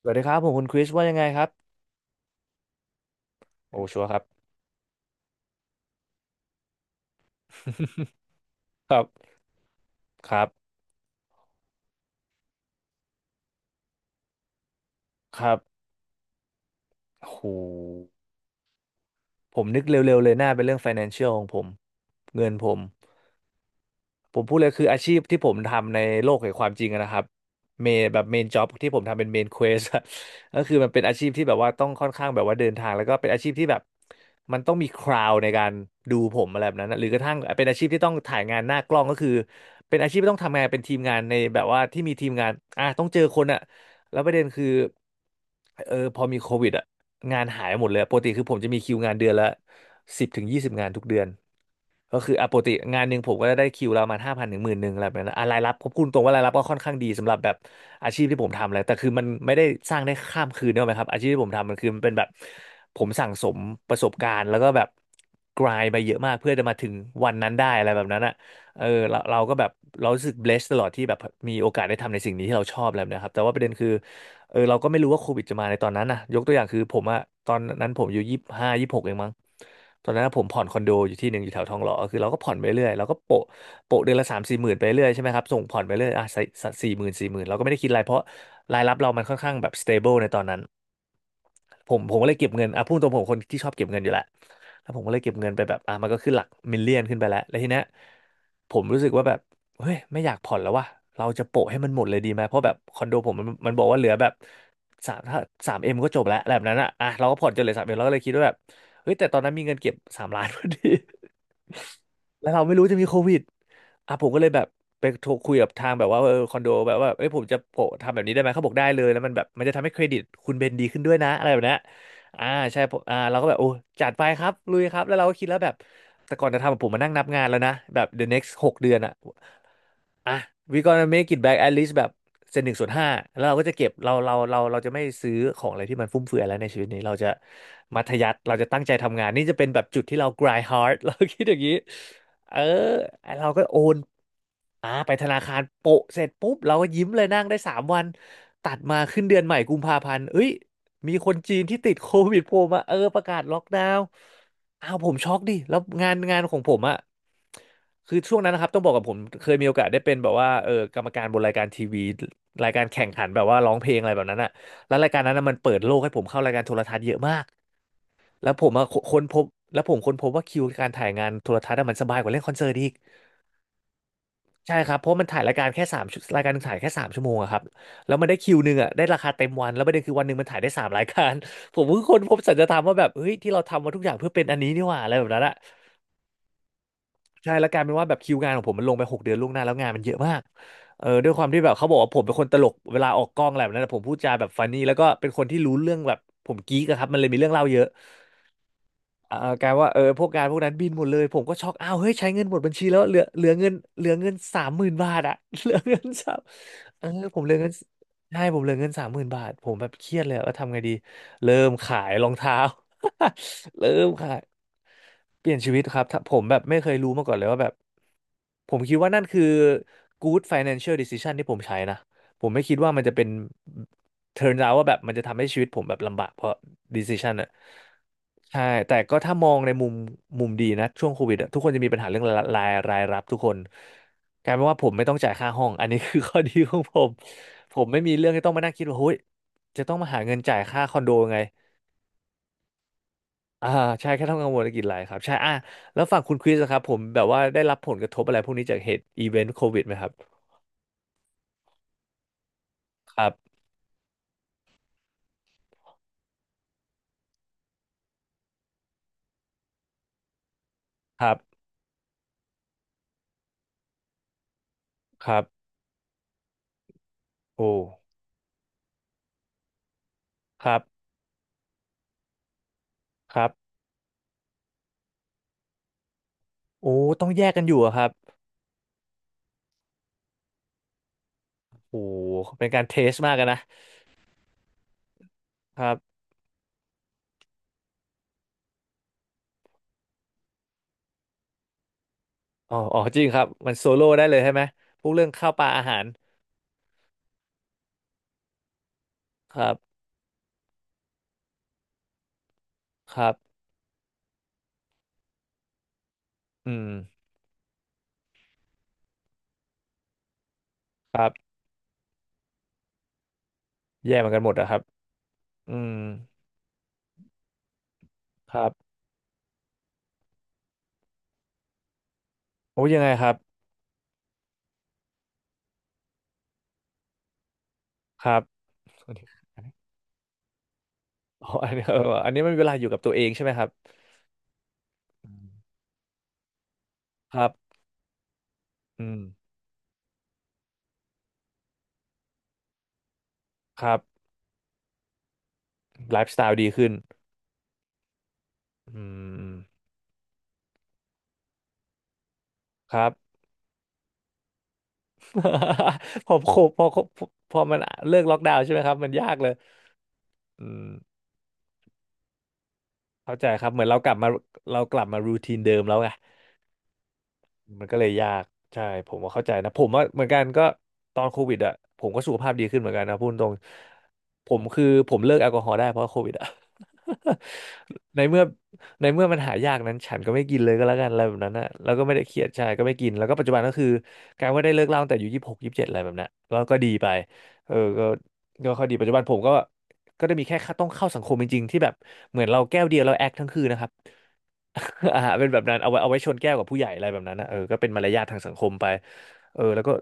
สวัสดีครับผมคุณคริสว่ายังไงครับโอ้ชัวร์ครับครับครับครับโหผมนึกเร็วๆเลยน่าเป็นเรื่อง financial ของผมเงินผม ผมพูดเลยคืออาชีพที่ผมทำในโลกแห่งความจริงอะนะครับเมนแบบเมนจ็อบที่ผมทำเป็นเมนเควส ก็คือมันเป็นอาชีพที่แบบว่าต้องค่อนข้างแบบว่าเดินทางแล้วก็เป็นอาชีพที่แบบมันต้องมีคราวในการดูผมอะไรแบบนั้นนะหรือกระทั่งเป็นอาชีพที่ต้องถ่ายงานหน้ากล้องก็คือเป็นอาชีพที่ต้องทำงานเป็นทีมงานในแบบว่าที่มีทีมงานอ่ะต้องเจอคนอะแล้วประเด็นคือเออพอมีโควิดอะงานหายหมดเลยปกติคือผมจะมีคิวงานเดือนละ10 ถึง 20งานทุกเดือน ก็คืออ่ะปกติงานหนึ่งผมก็ได้คิวเราประมาห้าพันถึงหมื่นหนึ่งอะไรแบบนั้นอ่ะรายรับผมพูดตรงว่ารายรับก็ค่อนข้างดีสำหรับแบบอาชีพที่ผมทำเลยแต่คือมันไม่ได้สร้างได้ข้ามคืนเนกอะไหมครับอาชีพที่ผมทำมันคือมันเป็นแบบผมสั่งสมประสบการณ์แล้วก็แบบกรายไปเยอะมากเพื่อจะมาถึงวันนั้นได้อะไรแบบนั้นอ่ะเออเราก็แบบเรารู้สึก blessed ตลอดที่แบบมีโอกาสได้ทำในสิ่งนี้ที่เราชอบอะไรแบบนะครับแต่ว่าประเด็นคือ เออเราก็ไม่รู้ว่าโควิดจะมาในตอนนั้นนะยกตัวอย่างคือผมอะตอนนั้นผมอายู่25 26เองมั้งตอนนั้นผมผ่อนคอนโดอยู่ที่หนึ่งอยู่แถวทองหล่อคือเราก็ผ่อนไปเรื่อยเราก็โปะโปะเดือนละ30,000 ถึง 40,000ไปเรื่อยใช่ไหมครับส่งผ่อนไปเรื่อยอ่ะ40,000 40,000เราก็ไม่ได้คิดอะไรเพราะรายรับเรามันค่อนข้างแบบ stable ในตอนนั้นผมก็เลยเก็บเงินอ่ะพูดตรงผมคนที่ชอบเก็บเงินอยู่แหละแล้วผมก็เลยเก็บเงินไปแบบอ่ะมันก็ขึ้นหลักมิลเลียนขึ้นไปแล้วแล้วทีเนี้ยผมรู้สึกว่าแบบ เฮ้ยไม่อยากผ่อนแล้วว่ะเราจะโปะให้มันหมดเลยดีไหมเพราะแบบคอนโดผมมันบอกว่าเหลือแบบสามถ้าสามเอ็มก็จบแล้วแบบนั้นอ่ะอ่ะเราก็ผ่อนจนเหลือสามเอ็มเราก็เลยคิดว่าแบบเฮ้ยแต่ตอนนั้นมีเงินเก็บ3 ล้านพอดีแล้วเราไม่รู้จะมีโควิดอ่ะผมก็เลยแบบไปโทรคุยกับทางแบบว่าเออคอนโดแบบว่าเอ้ยผมจะโปะทำแบบนี้ได้ไหมเขาบอกได้เลยแล้วมันแบบมันจะทำให้เครดิตคุณเบนดีขึ้นด้วยนะอะไรแบบเนี้ยอ่าใช่ผมอ่าเราก็แบบโอ้จัดไปครับลุยครับแล้วเราก็คิดแล้วแบบแต่ก่อนจะทำอะผมมานั่งนับงานแล้วนะแบบ the next 6 เดือนอะ อ่ะ we gonna make it back at least แบบเซนหนึ่งส่วนห้าแล้วเราก็จะเก็บเราจะไม่ซื้อของอะไรที่มันฟุ่มเฟือยแล้วในชีวิตนี้เราจะมัธยัสถ์เราจะตั้งใจทำงานนี่จะเป็นแบบจุดที่เรา grind hard เราคิดอย่างนี้เออเราก็โอน อ่าไปธนาคารโปะเสร็จปุ๊บเราก็ยิ้มเลยนั่งได้3 วันตัดมาขึ้นเดือนใหม่กุมภาพันธ์เอ้ยมีคนจีนที่ติดโควิดโผล่มาเออประกาศล็อกดาวน์อ้าวผมช็อกดิแล้วงานของผมอะคือช่วงนั้นนะครับต้องบอกกับผมเคยมีโอกาสได้เป็นแบบว่าเออกรรมการบนรายการทีวีรายการแข่งขันแบบว่าร้องเพลงอะไรแบบนั้นอะแล้วรายการนั้นอะมันเปิดโลกให้ผมเข้ารายการโทรทัศน์เยอะมากแล้วผมอะค้นพบแล้วผมค้นพบว่าคิวการถ่ายงานโทรทัศน์อะมันสบายกว่าเล่นคอนเสิร์ตอีก ใช่ครับ เพราะมันถ่ายรายการแค่สามชั่วรายการหนึงถ่ายแค่3 ชั่วโมงอะครับแล้วมันได้คิวหนึ่งอะได้ราคาเต็มวันแล้วประเด็นคือวันหนึ่งมันถ่ายได้สามรายการ ผมเพิ่งค้นพบสัจธรรมว่าแบบเฮ้ยที่เราทำมาทุกอย่างเพื่อเป็นอันนี้นี่หว่าอะไรแบบนั้นอะใช่แล้วกลายเป็นว่าแบบคิวงานของผมมันลงไป6 เดือนล่วงหน้าแล้วงานมันเยอะมากเออด้วยความที่แบบเขาบอกว่าผมเป็นคนตลกเวลาออกกล้องอะไรแบบนั้นอะผมพูดจาแบบฟันนี่แล้วก็เป็นคนที่รู้เรื่องแบบผมกิ๊กอะครับมันเลยมีเรื่องเล่าเยอะ เออกลายว่าเออพวกงานพวกนั้นบินหมดเลยผมก็ช็อกอ้าวเฮ้ยใช้เงินหมดบัญชีแล้วเหลือเหลือเงินเหลือเงินสามหมื่นบาทอะ เหลือเงินสามเออผมเหลือเงินใช่ผมเหลือเงินสามหมื่นบาทผมแบบเครียดเลยว่าทำไงดีเริ่มขายรองเท้า เริ่มขาย เปลี่ยนชีวิตครับถ้าผมแบบไม่เคยรู้มาก่อนเลยว่าแบบผมคิดว่านั่นคือ good financial decision ที่ผมใช้นะผมไม่คิดว่ามันจะเป็น turn out ว่าแบบมันจะทำให้ชีวิตผมแบบลำบากเพราะ decision อะใช่แต่ก็ถ้ามองในมุมมุมดีนะช่วงโควิดอะทุกคนจะมีปัญหาเรื่องรายรับทุกคนกลายเป็นว่าผมไม่ต้องจ่ายค่าห้องอันนี้คือ ข้อดีของผมผมไม่มีเรื่องที่ต้องมานั่งคิดว่าเฮ้ยจะต้องมาหาเงินจ่ายค่าคอนโดยังไง อ่าใช่แค่ทำงานวนธุรกิจหลายครับใช่อ่ะแล้วฝั่งคุณคริสอะครับผมแบบว่าได้รับผลกระทบอะไรพวกนี้จากเหตุอีเวนต์โควิดไหมครับครับครับครับโอ้ครับครับโอ้ต้องแยกกันอยู่อะครับโอ้เป็นการเทสมากกันนะครับอ๋ออ๋อจริงครับมันโซโล่ได้เลยใช่ไหมพวกเรื่องข้าวปลาอาหารครับครับอืมครับแย่เหมือนกันหมดอะครับอืมครับโอ้ยังไงครับครับอันนี้ อ๋ออันนี้เอออันนี้มันเวลาอยู่กับตัวเองใช่ไหมครับอืมครับ อืมครับไลฟ์สไตล์ดีขึ้นอืมครับ พอโคพอพอพอมันเลิกล็อกดาวน์ใช่ไหมครับมันยากเลยอืมเข้าใจครับเหมือนเรากลับมาเรากลับมารูทีนเดิมแล้วไง มันก็เลยยากใช่ผมว่าเข้าใจนะผมว่าเหมือนกันก็ตอนโควิดอ่ะผมก็สุขภาพดีขึ้นเหมือนกันนะพูดตรงผมคือผมเลิกแอลกอฮอล์ได้เพราะโควิดอ่ะ ในเมื่อในเมื่อมันหายากนั้นฉันก็ไม่กินเลยก็แล้วกันอะไรแบบนั้นนะแล้วก็ไม่ได้เครียดใช่ก็ไม่กินแล้วก็ปัจจุบันก็คือการว่าได้เลิกเหล้าตั้งแต่อายู่2627อะไรแบบนั้นก็ก็ดีไปเออก็ก็ค่อยดีปัจจุบันผมก็ ก็จะมีแค่ต้องเข้าสังคมจริงๆที่แบบเหมือนเราแก้วเดียวเราแอคทั้งคืนนะครับ อ่าเป็นแบบนั้นเอาไว้ชนแก้วกับผู้ใหญ่อะไรแบบนั้นนะเออก็เป็นมารยาททางสังคมไปเออแล้วก็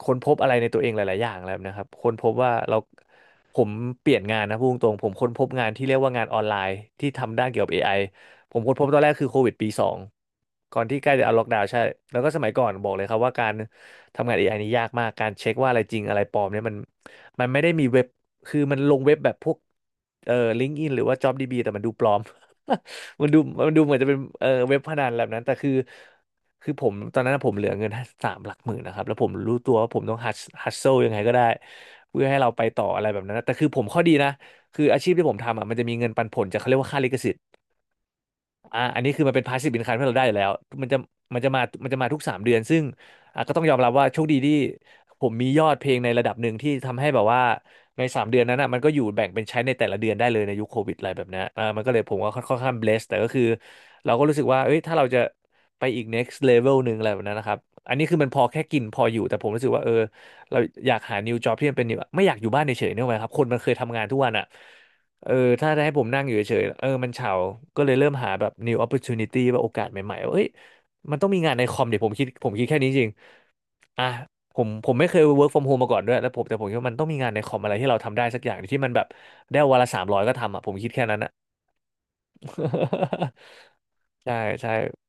ค้นพบอะไรในตัวเองหลายๆอย่างแล้วนะครับค้นพบว่าเราผมเปลี่ยนงานนะพูดตรงๆผมค้นพบงานที่เรียกว่างานออนไลน์ที่ทำด้านเกี่ยวกับ AI ผมค้นพบตอนแรกคือโควิดปีสองก่อนที่ใกล้จะเอาล็อกดาวน์ใช่แล้วก็สมัยก่อนบอกเลยครับว่าการทำงานเอไอนี่ยากมากการเช็คว่าอะไรจริงอะไรปลอมเนี่ยมันมันไม่ได้มีเว็บ คือมันลงเว็บแบบพวกเอ่อลิงก์อินหรือว่า JobDB แต่มันดูปลอม มันดูมันดูเหมือนจะเป็นเว็บพนันแบบนั้นแต่คือคือผมตอนนั้นผมเหลือเงิน3 หลักหมื่นนะครับแล้วผมรู้ตัวว่าผมต้องฮัสเซิลยังไงก็ได้เพื่อให้เราไปต่ออะไรแบบนั้นนะแต่คือผมข้อดีนะคืออาชีพที่ผมทำอ่ะมันจะมีเงินปันผลจากเขาเรียกว่าค่าลิขสิทธิ์ อ่าอันนี้คือมันเป็นพาสซีฟอินคามที่เราได้อยู่แล้วมันจะมันจะมามันจะมาทุกสามเดือนซึ่งอ่ะก็ต้องยอมรับว่าโชคดีที่ผมมียอดเพลงในระดับหนึ่งที่ทำให้แบบว่าในสามเดือนนั้นอ่ะมันก็อยู่แบ่งเป็นใช้ในแต่ละเดือนได้เลยในยุคโควิดอะไรแบบเนี้ยอ่ามันก็เลยผมก็ค่อนข้างเบสแต่ก็คือเราก็รู้สึกว่าเอ้ยถ้าเราจะไปอีก next level หนึ่งอะไรแบบนั้นนะครับอันนี้คือมันพอแค่กินพออยู่แต่ผมรู้สึกว่าเออเราอยากหา new job ที่มันเป็น new ไม่อยากอยู่บ้านเฉยๆนึกออกไหมครับคนมันเคยทำงานทุกวันอ่ะ เออถ้าได้ให้ผมนั่งอยู่เฉยๆเออมันเฉาก็เลยเริ่มหาแบบ new opportunity ว่าโอกาสใหม่ๆว่าเอ้ยมันต้องมีงานในคอมเดี๋ยวผมคิดแค่นี้จริงอ่ะผมไม่เคย work from home มาก่อนด้วยแล้วผมแต่ผมคิดว่ามันต้องมีงานในคอมอะไรที่เราทำได้สักอย่างที่มันแบบได้วันละ300ก็ทำอ่ะผมคิดแค่นั้นอ่ะ ใช่ใช่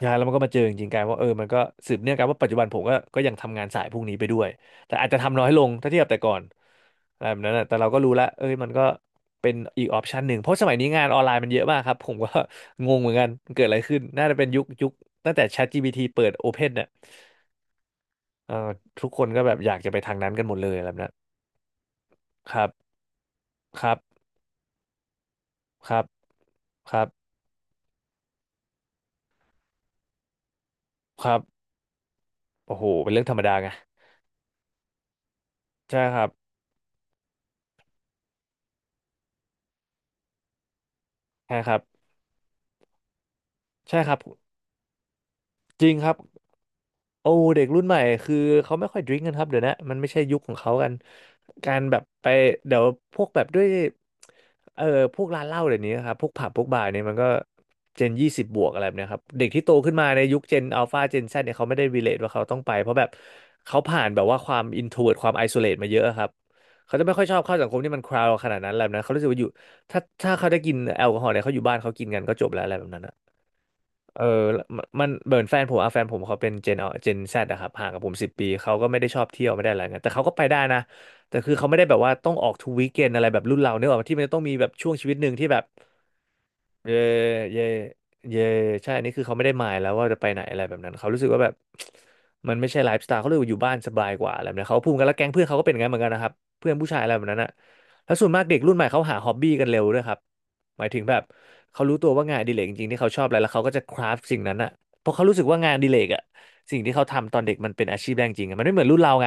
ใช่แล้วมันก็มาเจอจริงๆกลายว่าเออมันก็สืบเนื่องกันว่าปัจจุบันผมก็ยังทำงานสายพวกนี้ไปด้วยแต่อาจจะทำน้อยลงถ้าเทียบแต่ก่อนอะไรแบบนั้นนะแต่เราก็รู้ละเอ้ยมันก็เป็นอีกออปชันหนึ่งเพราะสมัยนี้งานออนไลน์มันเยอะมากครับผมก็ งงเหมือนกันมันเกิดอะไรขึ้นน่าจะเป็นยุคตั้งแต่ ChatGPT เปิด Open เนี่ยเอ่อทุกคนก็แบบอยากจะไปทางนั้นกันหมดเลยอะไรแบบนั้นครับครับครับครับครับโอ้โหเป็นเรื่องธรรมดาไงใช่ครับใช่ครับใช่ครับจริงครับ โอ้เด็กรุ่นใหม่คือเขาไม่ค่อยดริงกันครับเดี๋ยวนะมันไม่ใช่ยุคของเขากันการแบบไปเดี๋ยวพวกแบบด้วยเอ่อพวกร้านเหล้าเดี๋ยวนี้ครับพวกผับพวกบาร์เนี่ยมันก็เจน20บวกอะไรแบบเนี้ยครับเด็กที่โตขึ้นมาในยุคเจนอัลฟาเจนแซดเนี่ยเขาไม่ได้รีเลทว่าเขาต้องไปเพราะแบบเขาผ่านแบบว่าความอินโทรเวิร์ตความไอโซเลตมาเยอะครับเขาจะไม่ค่อยชอบเข้าสังคมที่มันคราวขนาดนั้นแล้วนะเขารู้สึกว่าอยู่ถ้าเขาได้กินแอลกอฮอล์เนี่ยเขาอยู่บ้านเขากินกันก็จบแล้วอะไรแบบนั้น เออมันเหมือนแฟนผมอะแฟนผมเขาเป็นเจนแซดอะครับห่างกับผม10 ปี เขาก็ไม่ได้ชอบเที่ยวไม่ได้อะไรเงี้ยแต่เขาก็ไปได้นะ แต่คือเขาไม่ได้แบบว่าต้องออกทุกวีคเอนอะไรแบบรุ่นเราเนกอะที่มันจะต้องมีแบบช่วงชีวิตหนึ่งที่แบบ เย่เย่เย่ใช่อันนี้คือเขาไม่ได้หมายแล้วว่าจะไปไหนอะไรแบบนั้นเขารู้สึกว่าแบบ มันไม่ใช่ไลฟ์สไตล์เขาเลยกว่าอยู่บ้านสบายกว่าอะไรแบบนี้เขาพูดกันแล้วแก๊งเพื่อนเขาก็เป็นอย่างนั้นเหมือนกันนะครับเพื่อนผู้ชายอะไรแบบนั้นอ่ะแล้วส่วนมากเด็กรุ่นใหม่เขาหาฮอบบี้กันเร็วด้วยครับหมายถึงแบบเขารู้ตัวว่างานอดิเรกจริงๆที่เขาชอบอะไรแล้วเขาก็จะคราฟสิ่งนั้นอ่ะเพราะเขารู้สึกว่างานอดิเรกอ่ะสิ่งที่เขาทำตอนเด็กมันเป็นอาชีพแรงจริงอะมันไม่เหมือนรุ่นเราไง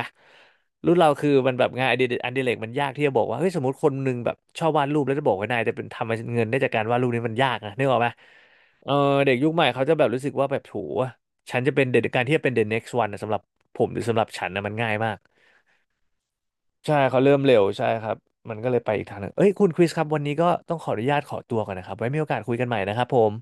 รุ่นเราคือมันแบบงานอดิเรกมันยากที่จะบอกว่าเฮ้ยสมมติคนหนึงแบบชอบวาดรูปแล้วจะบอกว่านายจะเป็นทำเงินได้จากการวาดรูปนี้มันยากนะนึกออกไหมเออเด็กยุคใหม่เขาจะแบบรู้สึกว่าแบบโถฉันจะเป็นเดการที่จะเป็น the next one นะสำหรับผมหรือสำหรับฉันนะมันง่ายมากใช่เขาเริ่มเร็วใช่ครับมันก็เลยไปอีกทางหนึ่งเอ้ยคุณคริสครับวันนี้ก็ต้องขออนุญาตขอตัวก่อนนะครับไว้มีโอกาสคุยกันใหม่นะครับผม